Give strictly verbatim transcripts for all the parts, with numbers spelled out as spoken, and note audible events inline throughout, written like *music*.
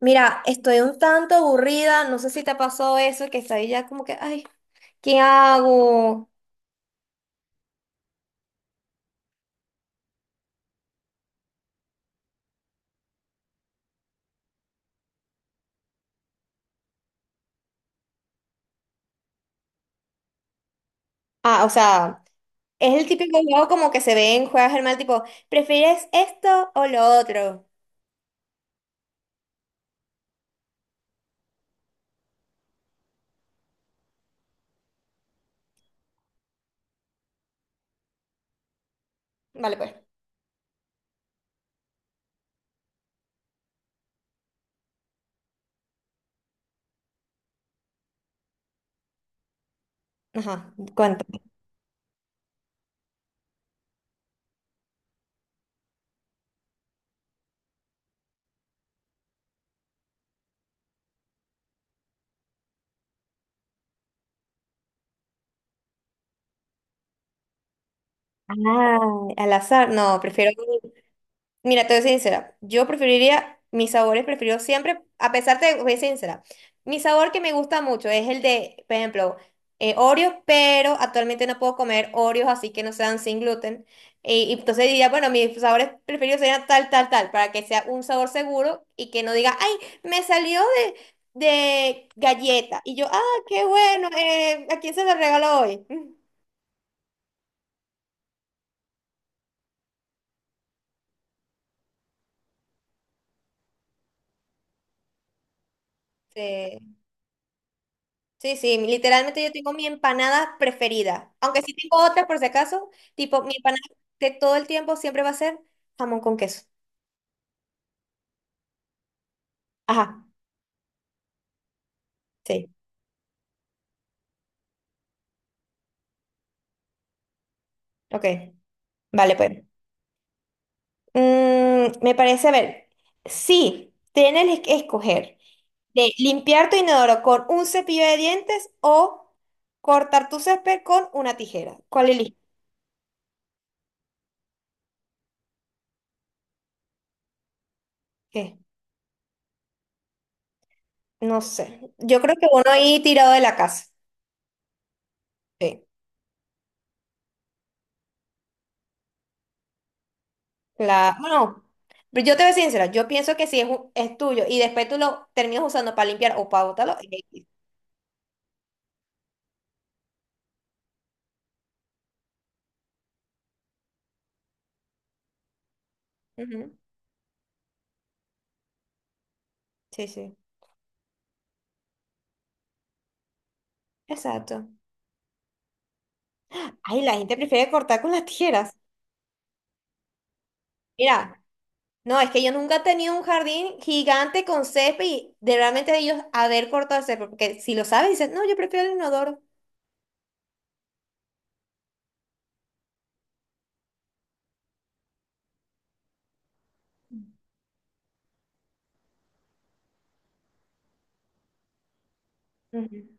Mira, estoy un tanto aburrida, no sé si te pasó eso, que estoy ya como que, ay, ¿qué hago? Ah, o sea, es el típico juego como que se ve en Juegos del Mal, tipo, ¿prefieres esto o lo otro? Vale, pues. Ajá, cuéntame. Ah, al azar, no, prefiero. Mira, te voy a ser sincera. Yo preferiría, mis sabores preferidos siempre, a pesar de, voy a ser sincera. Mi sabor que me gusta mucho es el de, por ejemplo, eh, Oreos, pero actualmente no puedo comer Oreos así que no sean sin gluten. Y, y entonces diría, bueno, mis sabores preferidos serían tal, tal, tal, para que sea un sabor seguro y que no diga, ay, me salió de, de galleta. Y yo, ah, qué bueno, eh, ¿a quién se lo regaló hoy? *laughs* Sí. Sí, sí, literalmente yo tengo mi empanada preferida, aunque sí tengo otras por si acaso, tipo mi empanada de todo el tiempo siempre va a ser jamón con queso. Ajá, sí, ok, vale pues. Mm, me parece, a ver, sí, tienes que escoger de limpiar tu inodoro con un cepillo de dientes o cortar tu césped con una tijera. ¿Cuál eliges? ¿Qué? No sé, yo creo que uno ahí tirado de la casa. Sí. Claro, bueno, pero yo te voy a ser sincera, yo pienso que si es, un- es tuyo y después tú lo terminas usando para limpiar o para botarlo, es X. Ujú. Sí, sí, exacto. Ay, la gente prefiere cortar con las tijeras. Mira, no, es que yo nunca he tenido un jardín gigante con césped y de realmente ellos haber cortado el césped, porque si lo sabes, dices, no, yo prefiero el inodoro. Ujú.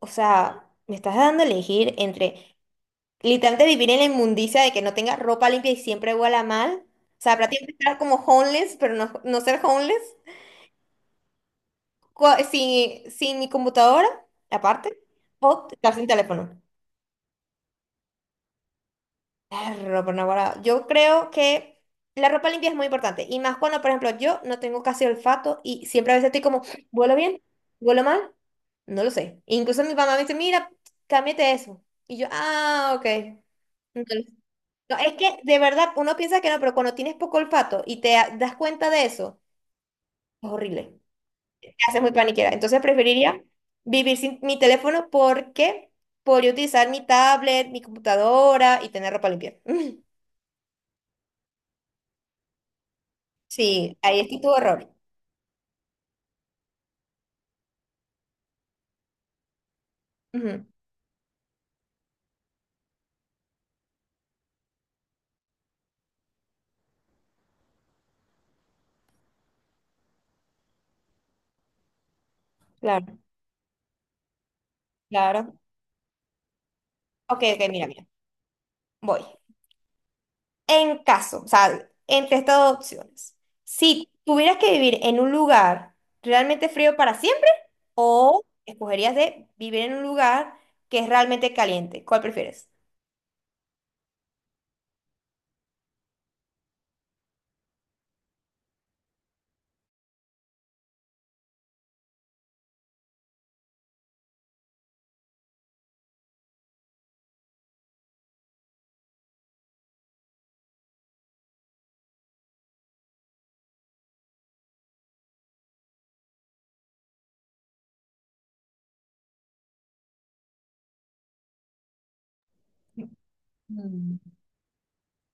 O sea, me estás dando a elegir entre literalmente vivir en la inmundicia de que no tenga ropa limpia y siempre huela mal. O sea, prácticamente estar como homeless, pero no, no ser homeless. Co- Sin, sin mi computadora, aparte. O estar sin teléfono. Perro, por Naguará. Yo creo que la ropa limpia es muy importante. Y más cuando, por ejemplo, yo no tengo casi olfato y siempre a veces estoy como, ¿huelo bien? ¿Huelo mal? No lo sé. E incluso mi mamá me dice, mira, cámbiate eso. Y yo, ah, ok. No, es que de verdad uno piensa que no, pero cuando tienes poco olfato y te a- das cuenta de eso, es horrible. Te haces muy paniquera. Entonces preferiría vivir sin mi teléfono porque podría utilizar mi tablet, mi computadora y tener ropa limpia. *laughs* Sí, ahí es que tu error. Ujú, claro, claro. Ok, ok, mira, mira. Voy. En caso, o sea, entre estas dos opciones, si tuvieras que vivir en un lugar realmente frío para siempre, o escogerías de vivir en un lugar que es realmente caliente. ¿Cuál prefieres? Mm.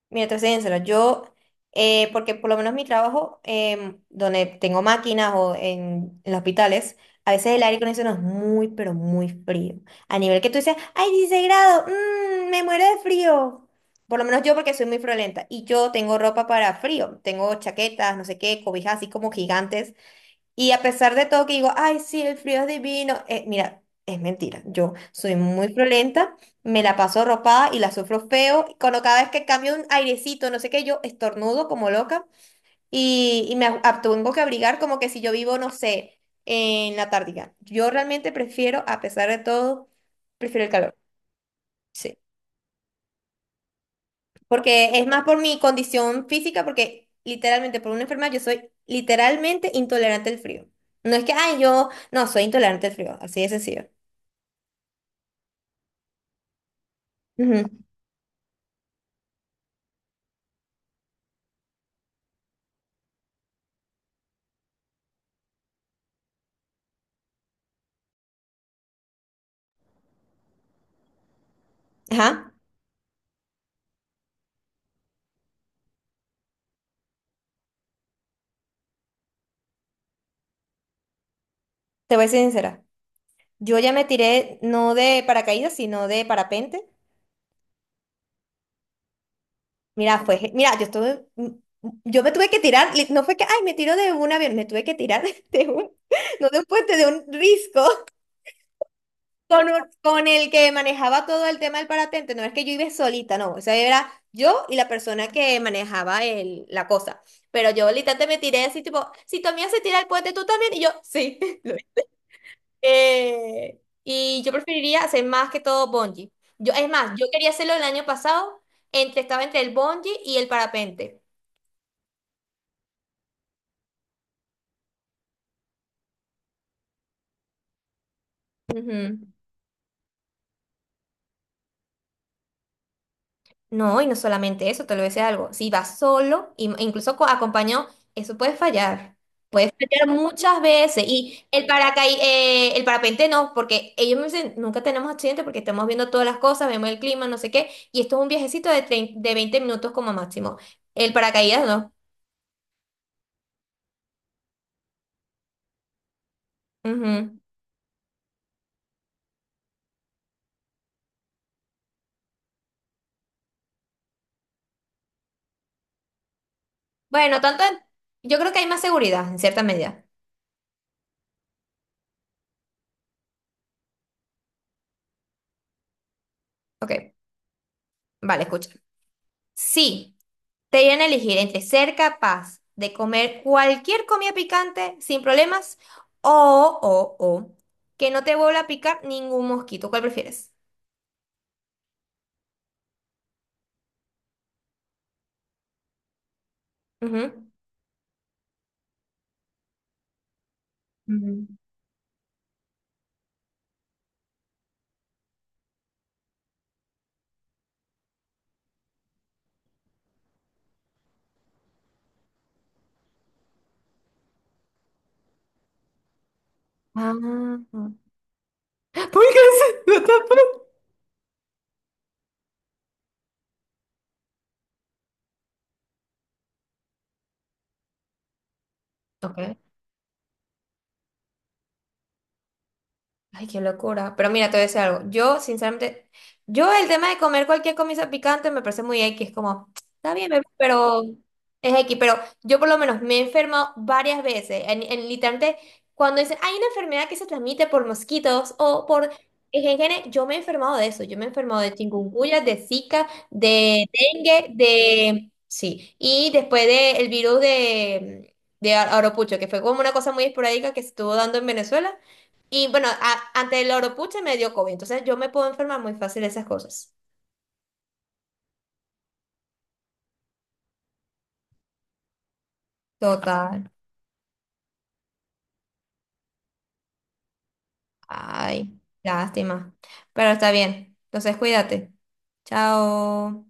Mira, te soy sincera, yo, eh, porque por lo menos mi trabajo, em, donde tengo máquinas o en, en los hospitales, a veces el aire acondicionado es muy, pero muy frío. A nivel que tú dices, ¡ay, dieciséis grados! Mm, ¡me muero de frío! Por lo menos yo, porque soy muy friolenta. Y yo tengo ropa para frío. Tengo chaquetas, no sé qué, cobijas así como gigantes. Y a pesar de todo que digo, ay, sí, el frío es divino, eh, mira, es mentira. Yo soy muy friolenta, me la paso ropada y la sufro feo. Y cuando cada vez que cambio un airecito, no sé qué, yo estornudo como loca y, y me ab- ab- tengo que abrigar como que si yo vivo, no sé, en la tártica. Yo realmente prefiero, a pesar de todo, prefiero el calor. Sí. Porque es más por mi condición física, porque literalmente por una enfermedad yo soy literalmente intolerante al frío. No es que, ay, yo no soy intolerante al frío, así de sencillo. Ujú. Ajá, te voy a ser sincera. Yo ya me tiré no de paracaídas, sino de parapente. Mira, fue, ge- mira, yo estuve, m- m- yo me tuve que tirar, li- no fue que, ay, me tiro de un avión, me tuve que tirar *laughs* de un, no de un puente, de un risco. Con, un- con el que manejaba todo el tema del paratente, no es que yo iba solita, no, o sea, era yo y la persona que manejaba el, la cosa. Pero yo literalmente me tiré así, tipo, si tu amiga se tira el puente, tú también, y yo, sí. *laughs* Lo hice. Eh, y yo preferiría hacer más que todo bungee. Yo, es más, yo quería hacerlo el año pasado, entre, estaba entre el bungee y el parapente. Ujú. No, y no solamente eso, te lo voy a decir algo. Si vas solo, im- incluso co- acompañado, eso puede fallar. Puede fallar muchas veces. Y el paracaí, eh, el parapente no, porque ellos me dicen, nunca tenemos accidente porque estamos viendo todas las cosas, vemos el clima, no sé qué. Y esto es un viajecito de, trein- de veinte minutos como máximo. El paracaídas no. Ujú. Bueno, tanto, en- yo creo que hay más seguridad en cierta medida. Ok, vale, escucha. Sí. Te dieran a elegir entre ser capaz de comer cualquier comida picante sin problemas o, o, o, que no te vuelva a picar ningún mosquito. ¿Cuál prefieres? Ujú. Mm. Ah. ¿Por qué *laughs* se- no te... Ok. Ay, qué locura. Pero mira, te voy a decir algo. Yo, sinceramente, yo el tema de comer cualquier comida picante me parece muy X. Como, está bien, bebé, pero es X. Pero yo por lo menos me he enfermado varias veces. En, en- literalmente, cuando dicen, hay una enfermedad que se transmite por mosquitos o por en gene, yo me he enfermado de eso. Yo me he enfermado de chikungunya, de Zika, de dengue, de... Sí. Y después del virus de, de Aropucho, que fue como una cosa muy esporádica que se estuvo dando en Venezuela. Y bueno, a- ante el oropuche me dio cóvid, entonces yo me puedo enfermar muy fácil de esas cosas. Total. Ay, lástima. Pero está bien. Entonces cuídate. Chao.